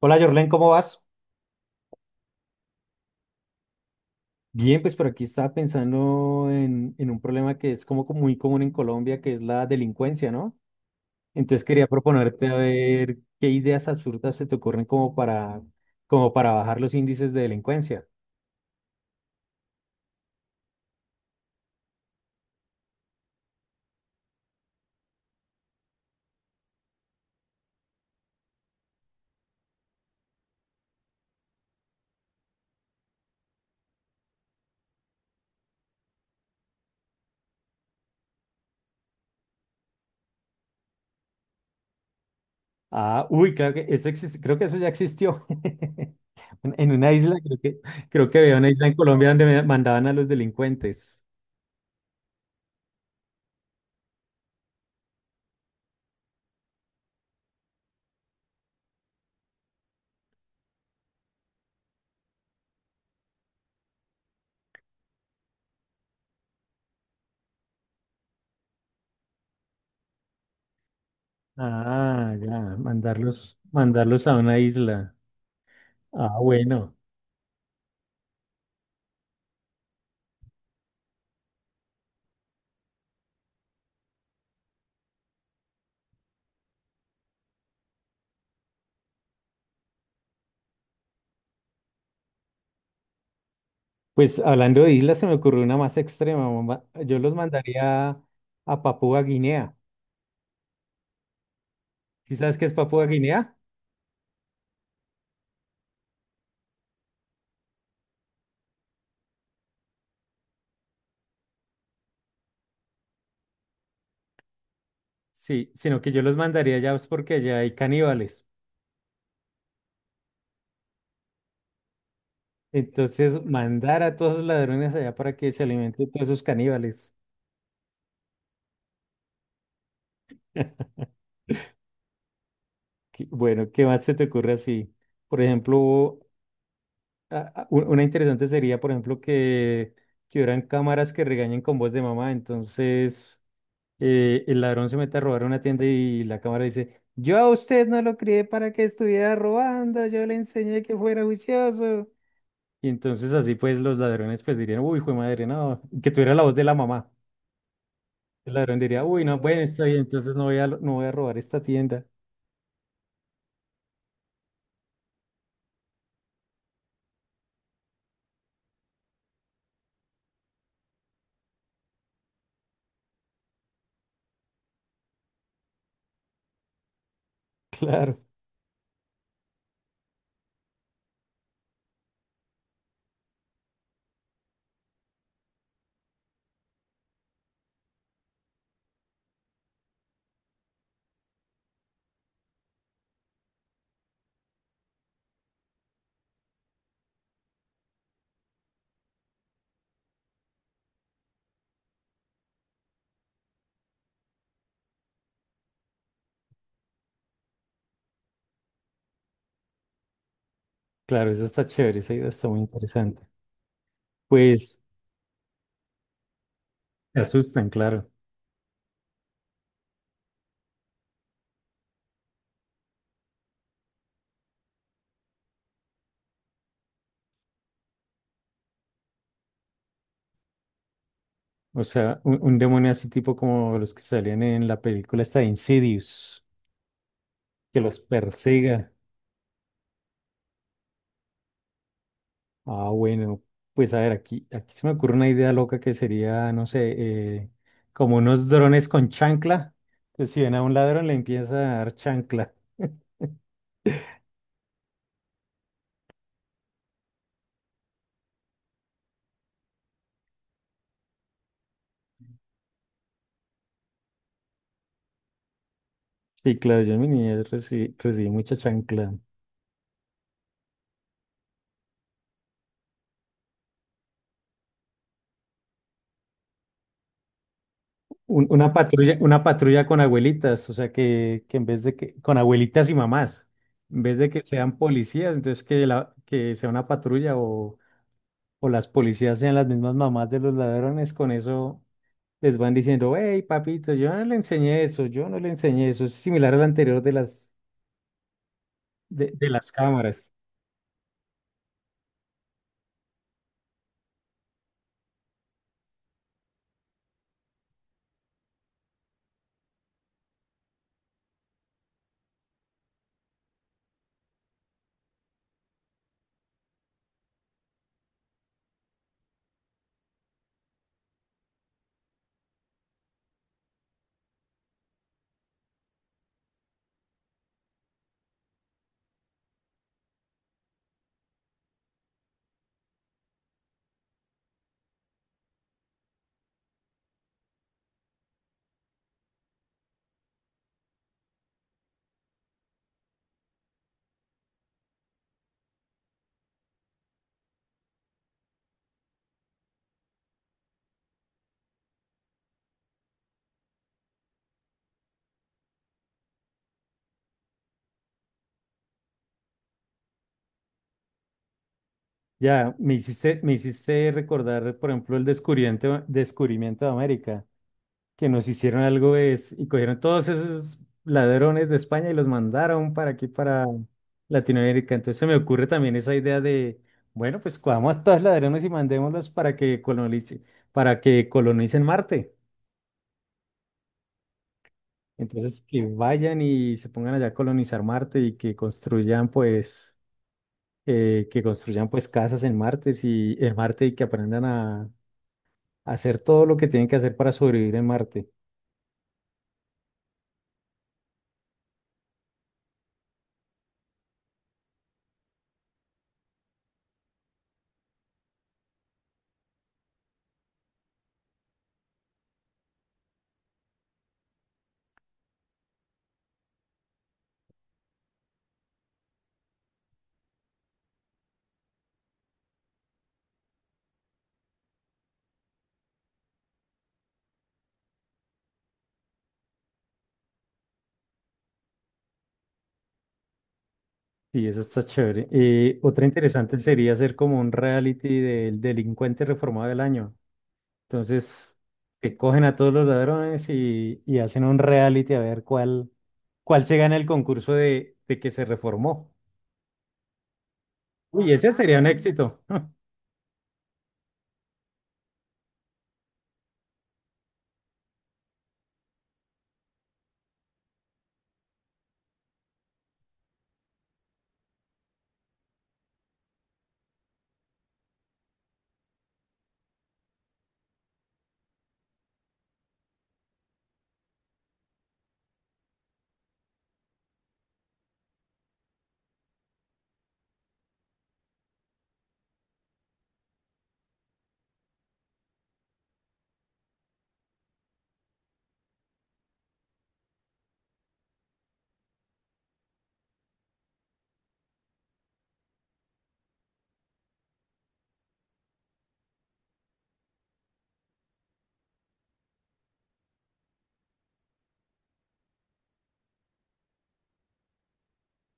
Hola, Jorlen, ¿cómo vas? Bien, pues por aquí estaba pensando en un problema que es como muy común en Colombia, que es la delincuencia, ¿no? Entonces quería proponerte a ver qué ideas absurdas se te ocurren como para, como para bajar los índices de delincuencia. Ah, uy, claro que eso existe, creo que eso ya existió. En una isla, creo que había una isla en Colombia donde mandaban a los delincuentes. Ah, ya, mandarlos, mandarlos a una isla. Ah, bueno. Pues hablando de islas, se me ocurrió una más extrema, mamá. Yo los mandaría a Papúa Guinea. ¿Sí sabes qué es Papúa Guinea? Sí, sino que yo los mandaría allá es porque allá hay caníbales. Entonces, mandar a todos los ladrones allá para que se alimenten todos esos caníbales. Bueno, ¿qué más se te ocurre así? Por ejemplo, una interesante sería, por ejemplo, que hubieran cámaras que regañen con voz de mamá. Entonces, el ladrón se mete a robar una tienda y la cámara dice, yo a usted no lo crié para que estuviera robando, yo le enseñé que fuera juicioso. Y entonces así pues los ladrones pues dirían, uy, fue madre, no, que tuviera la voz de la mamá. El ladrón diría, uy, no, bueno, está bien, entonces no voy a, no voy a robar esta tienda. Claro, claro, eso está chévere, esa idea está muy interesante. Pues te asustan, claro. O sea, un demonio así tipo como los que salían en la película esta de Insidious, que los persiga. Ah, bueno, pues a ver, aquí, aquí se me ocurre una idea loca que sería, no sé, eh, como unos drones con chancla. Pues si ven a un ladrón le empieza a dar chancla. Sí, claro, yo en mi niñez recibí, recibí mucha chancla. Una patrulla con abuelitas, o sea que en vez de que, con abuelitas y mamás, en vez de que sean policías, entonces que, la, que sea una patrulla o las policías sean las mismas mamás de los ladrones, con eso les van diciendo, hey, papito, yo no le enseñé eso, yo no le enseñé eso. Es similar al anterior de las cámaras. Ya, me hiciste recordar, por ejemplo, el descubrimiento, descubrimiento de América, que nos hicieron algo es, y cogieron todos esos ladrones de España y los mandaron para aquí, para Latinoamérica. Entonces se me ocurre también esa idea de, bueno, pues cojamos a todos los ladrones y mandémoslos para que colonice, para que colonicen Marte. Entonces, que vayan y se pongan allá a colonizar Marte y que construyan, pues, casas en Marte y que aprendan a hacer todo lo que tienen que hacer para sobrevivir en Marte. Y eso está chévere. Otra interesante sería hacer como un reality del delincuente reformado del año. Entonces, que cogen a todos los ladrones y hacen un reality a ver cuál, cuál se gana el concurso de que se reformó. Uy, ese sería un éxito.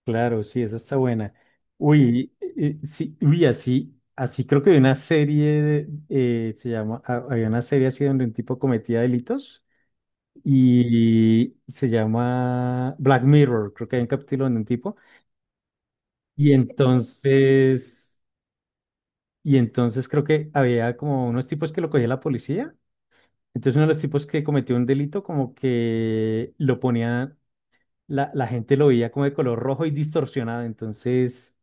Claro, sí, esa está buena. Uy, sí, uy, así, así creo que hay una serie, de, se llama, había una serie así donde un tipo cometía delitos y se llama Black Mirror, creo que hay un capítulo donde un tipo, y entonces, y entonces creo que había como unos tipos que lo cogía la policía, entonces uno de los tipos que cometió un delito como que lo ponía, la gente lo veía como de color rojo y distorsionado, entonces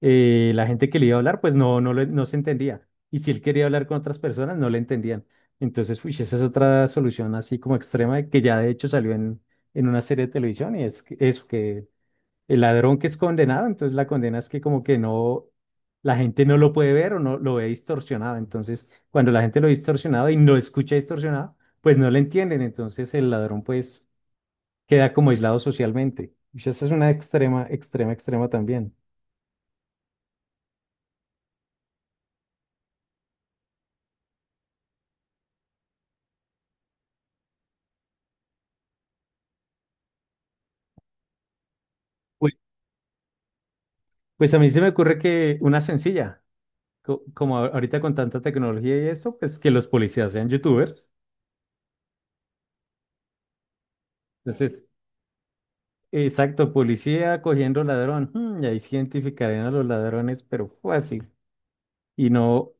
la gente que le iba a hablar, pues no, no, no se entendía. Y si él quería hablar con otras personas, no le entendían. Entonces, uy, esa es otra solución así como extrema que ya de hecho salió en una serie de televisión y es eso, que el ladrón que es condenado, entonces la condena es que como que no, la gente no lo puede ver o no lo ve distorsionado. Entonces, cuando la gente lo ve distorsionado y no escucha distorsionado, pues no le entienden. Entonces, el ladrón pues queda como aislado socialmente. Uy, esa es una extrema, extrema, extrema también. Pues a mí se me ocurre que una sencilla, como ahorita con tanta tecnología y eso, pues que los policías sean youtubers. Entonces, exacto, policía cogiendo ladrón. Y ahí sí identificarían a los ladrones, pero fácil. Y no,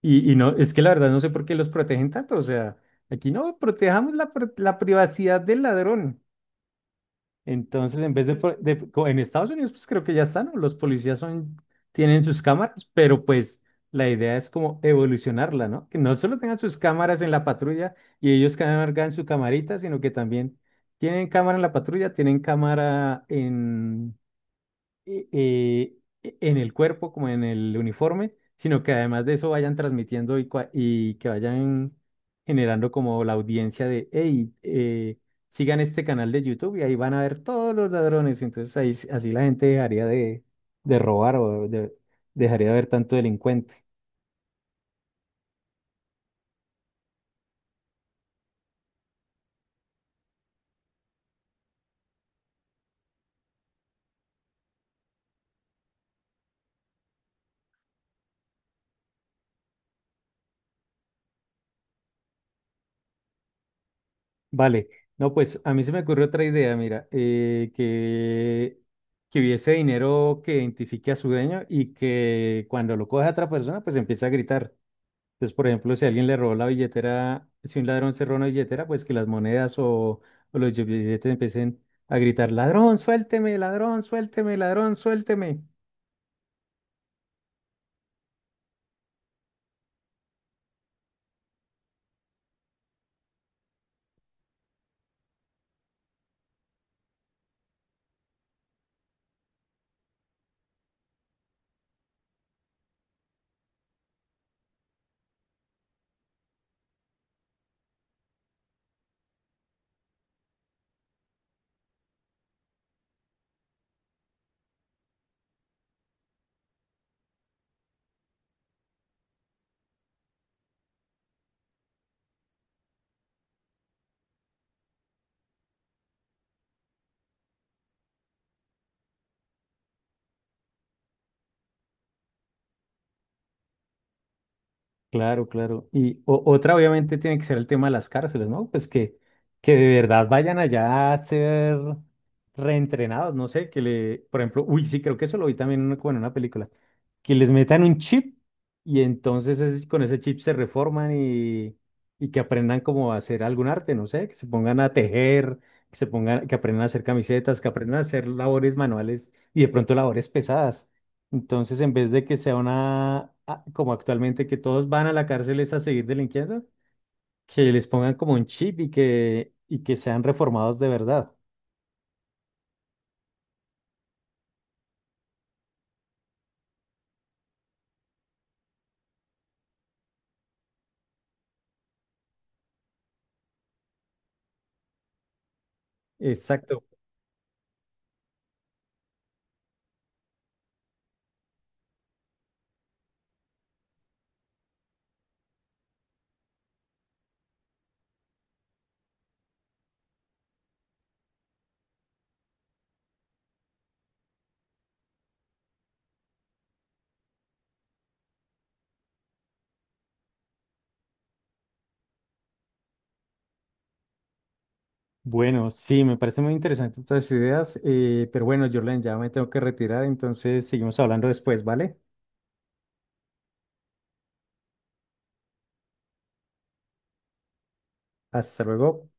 y no, es que la verdad no sé por qué los protegen tanto. O sea, aquí no, protejamos la, la privacidad del ladrón. Entonces, en vez de, en Estados Unidos, pues creo que ya están, ¿no? Los policías son, tienen sus cámaras, pero pues la idea es como evolucionarla, ¿no? Que no solo tengan sus cámaras en la patrulla y ellos cargan su camarita, sino que también tienen cámara en la patrulla, tienen cámara eh, en el cuerpo, como en el uniforme, sino que además de eso vayan transmitiendo y, y que vayan generando como la audiencia de, hey, sigan este canal de YouTube y ahí van a ver todos los ladrones. Entonces ahí, así la gente dejaría de robar o dejaría de ver tanto delincuente. Vale, no, pues a mí se me ocurrió otra idea, mira, que hubiese dinero que identifique a su dueño y que cuando lo coge a otra persona, pues empiece a gritar. Entonces, por ejemplo, si alguien le robó la billetera, si un ladrón se roba una billetera, pues que las monedas o los billetes empiecen a gritar, ladrón, suélteme, ladrón, suélteme, ladrón, suélteme. Claro, claro. Y otra obviamente tiene que ser el tema de las cárceles, ¿no? Pues que de verdad vayan allá a ser reentrenados, no sé, que le, por ejemplo, uy, sí, creo que eso lo vi también en como en una película, que les metan un chip y entonces con ese chip se reforman y que aprendan como a hacer algún arte, no sé, que se pongan a tejer, que se pongan, que aprendan a hacer camisetas, que aprendan a hacer labores manuales y de pronto labores pesadas. Entonces, en vez de que sea una, ah, como actualmente, que todos van a la cárcel es a seguir delinquiendo, que les pongan como un chip y que sean reformados de verdad. Exacto. Bueno, sí, me parece muy interesante todas tus ideas, pero bueno, Jorlen, ya me tengo que retirar, entonces seguimos hablando después, ¿vale? Hasta luego.